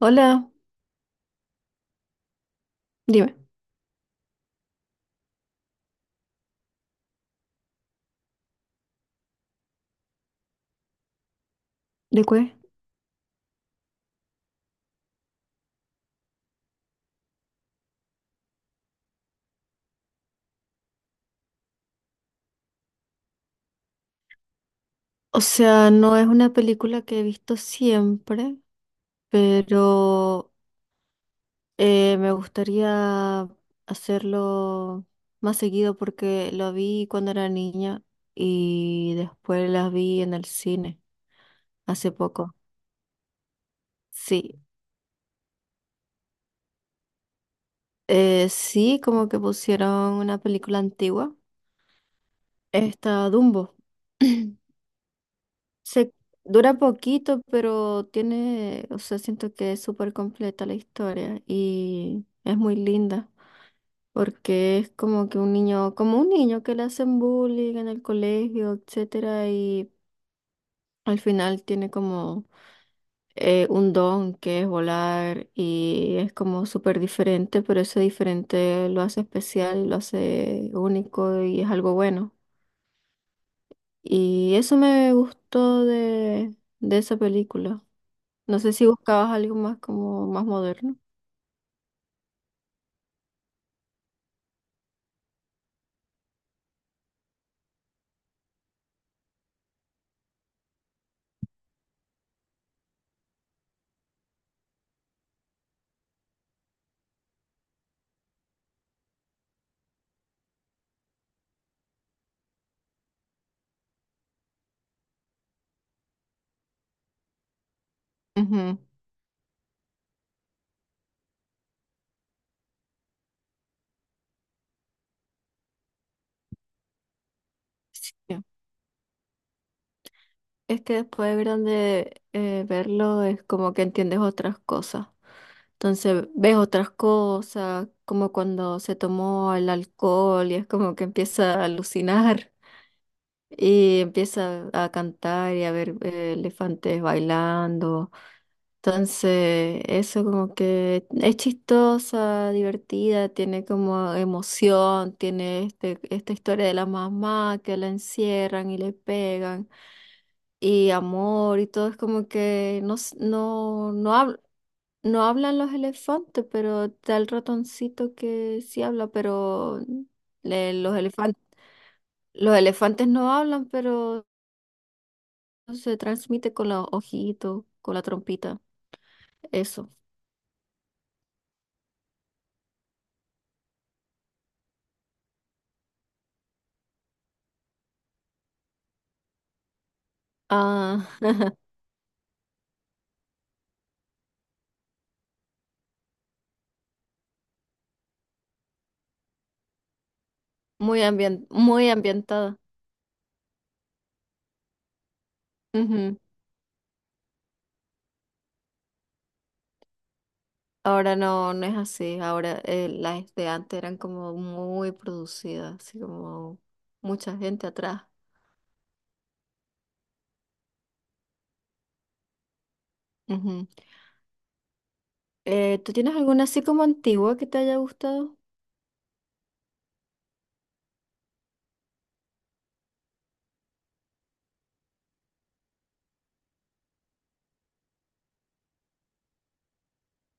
Hola, dime, ¿de qué? O sea, no es una película que he visto siempre, pero me gustaría hacerlo más seguido porque lo vi cuando era niña y después las vi en el cine hace poco. Sí, sí, como que pusieron una película antigua, esta Dumbo. Se dura poquito, pero tiene, o sea, siento que es súper completa la historia y es muy linda porque es como que un niño, como un niño que le hacen bullying en el colegio, etcétera, y al final tiene como un don que es volar y es como súper diferente, pero ese diferente lo hace especial, lo hace único y es algo bueno. Y eso me gustó de esa película. No sé si buscabas algo más como más moderno. Ujú. Sí. Es que después de grande verlo es como que entiendes otras cosas. Entonces ves otras cosas, como cuando se tomó el alcohol y es como que empieza a alucinar y empieza a cantar y a ver elefantes bailando. Entonces, eso como que es chistosa, divertida, tiene como emoción, tiene este, esta historia de la mamá que la encierran y le pegan, y amor y todo, es como que no, no, no hablan los elefantes, pero está el ratoncito que sí habla, pero le- los elefantes, los elefantes no hablan, pero se transmite con los ojitos, con la trompita, eso. Ah, muy ambientada. Ujú. Ahora no, no es así. Ahora las de antes eran como muy producidas, así como mucha gente atrás. Ujú. ¿Tú tienes alguna así como antigua que te haya gustado?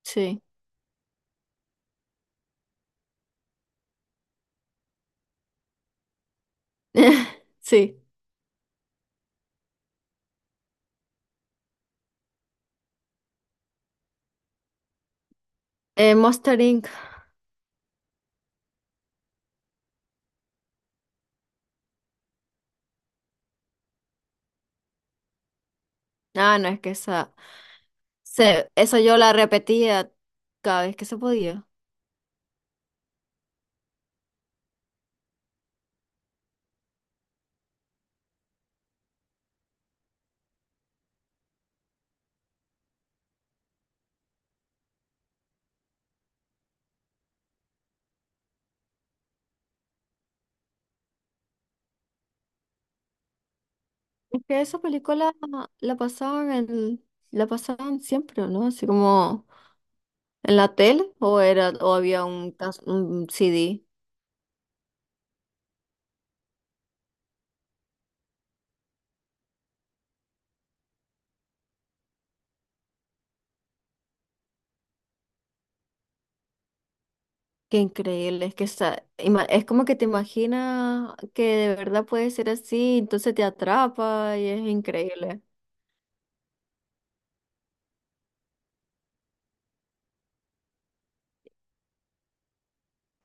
Sí. Sí. Monster Inc. Ah, no, es que esa, esa yo la repetía cada vez que se podía. Es que esa película la pasaban en, la pasaban siempre, ¿no? Así como ¿en la tele? ¿O era, o había un, un CD? Qué increíble, es que es como que te imaginas que de verdad puede ser así, entonces te atrapa y es increíble.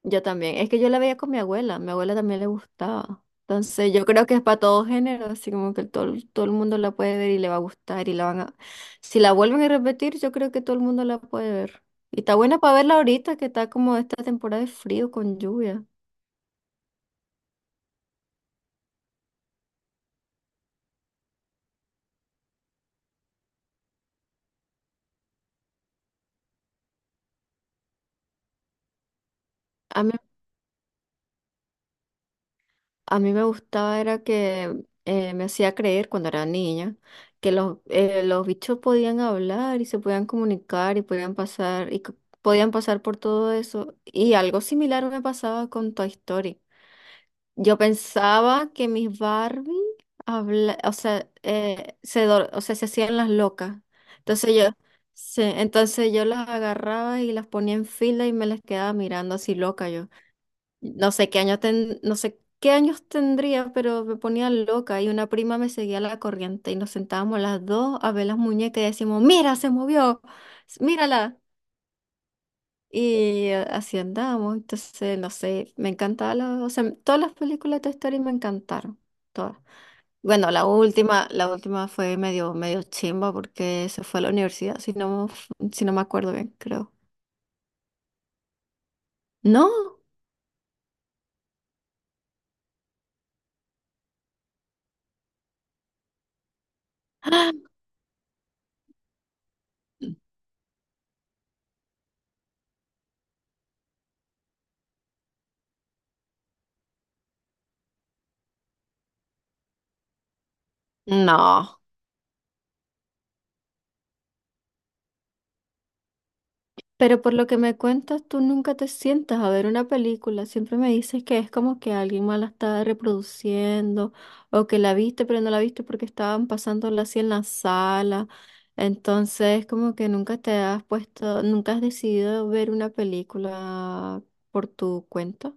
Yo también, es que yo la veía con mi abuela también le gustaba. Entonces yo creo que es para todo género, así como que todo, todo el mundo la puede ver y le va a gustar y la van a... Si la vuelven a repetir, yo creo que todo el mundo la puede ver. Y está buena para verla ahorita, que está como esta temporada de frío con lluvia. A mí me gustaba era que me hacía creer cuando era niña que los bichos podían hablar y se podían comunicar y podían pasar por todo eso. Y algo similar me pasaba con Toy Story. Yo pensaba que mis Barbie habla, o sea, o sea, se hacían las locas. Entonces yo, sí, entonces yo las agarraba y las ponía en fila y me las quedaba mirando así loca, no sé qué años ten- no sé qué años tendría, pero me ponía loca y una prima me seguía la corriente y nos sentábamos las dos a ver las muñecas y decíamos, mira, se movió, mírala. Y así andábamos. Entonces, no sé, me encantaba o sea, todas las películas de Toy Story me encantaron, todas. Bueno, la última fue medio, medio chimba porque se fue a la universidad, si no, si no me acuerdo bien, creo. No, no. Pero por lo que me cuentas, tú nunca te sientas a ver una película. Siempre me dices que es como que alguien más la está reproduciendo o que la viste pero no la viste porque estaban pasándola así en la sala. Entonces, como que nunca te has puesto, nunca has decidido ver una película por tu cuenta.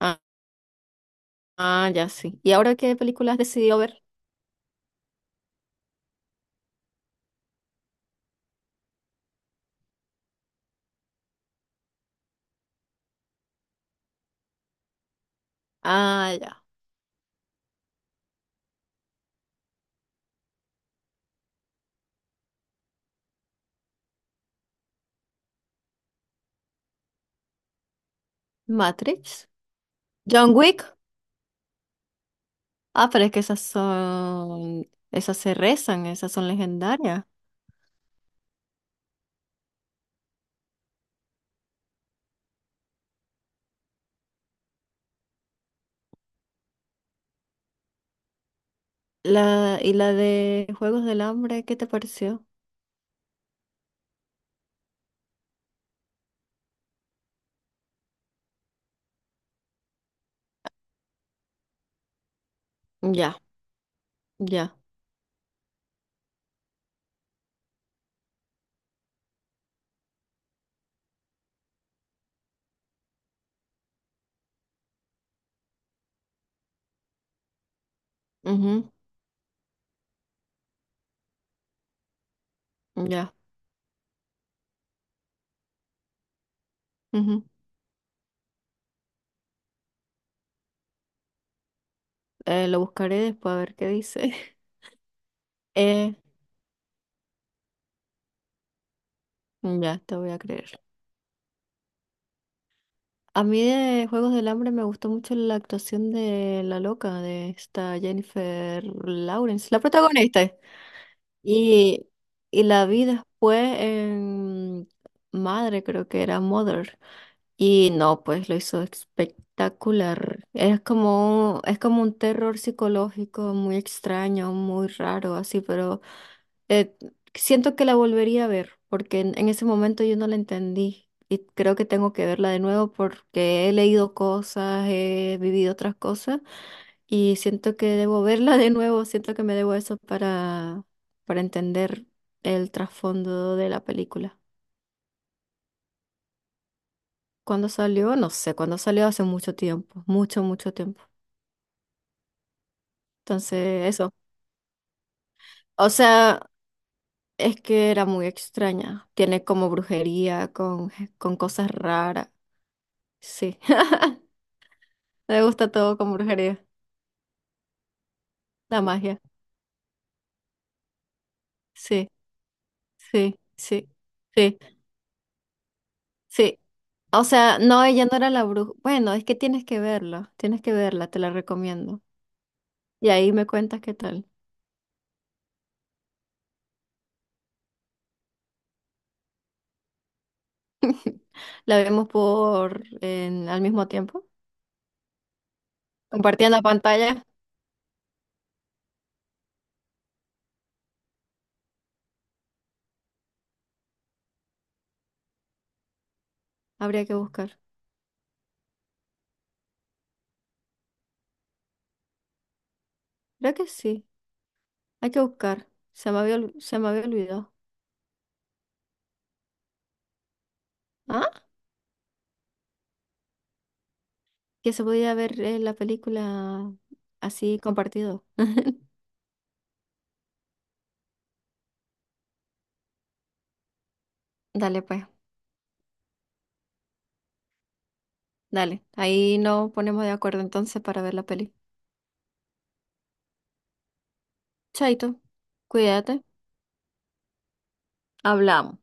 Ah, ah, ya sí. ¿Y ahora qué película has decidido ver? Ah, ya. Matrix. John Wick. Ah, pero es que esas son, esas se rezan, esas son legendarias. La, y la de Juegos del Hambre, ¿qué te pareció? Ya, ya, ujú, ya, ujú. Lo buscaré después a ver qué dice. Eh, ya, te voy a creer. A mí de Juegos del Hambre me gustó mucho la actuación de la loca, de esta Jennifer Lawrence, la protagonista. Y, y la vi después en Madre, creo que era Mother. Y no, pues lo hizo espectacular. Es como un terror psicológico muy extraño, muy raro, así, pero eh, siento que la volvería a ver, porque en ese momento yo no la entendí. Y creo que tengo que verla de nuevo porque he leído cosas, he vivido otras cosas, y siento que debo verla de nuevo, siento que me debo eso para entender el trasfondo de la película. ¿Cuándo salió? No sé, cuando salió hace mucho tiempo, mucho, mucho tiempo. Entonces, eso. O sea, es que era muy extraña. Tiene como brujería, con cosas raras. Sí. Me gusta todo con brujería. La magia. Sí, sí, sí, sí, sí. O sea, no, ella no era la bruja. Bueno, es que tienes que verla. Tienes que verla, te la recomiendo. Y ahí me cuentas qué tal. La vemos por al mismo tiempo. Compartiendo la pantalla. Habría que buscar. Creo que sí. Hay que buscar. Se me había, se me había olvidado. Ah, que se podía ver la película así compartido. Dale, pues, dale. Ahí nos ponemos de acuerdo entonces para ver la peli. Chaito, cuídate. Hablamos.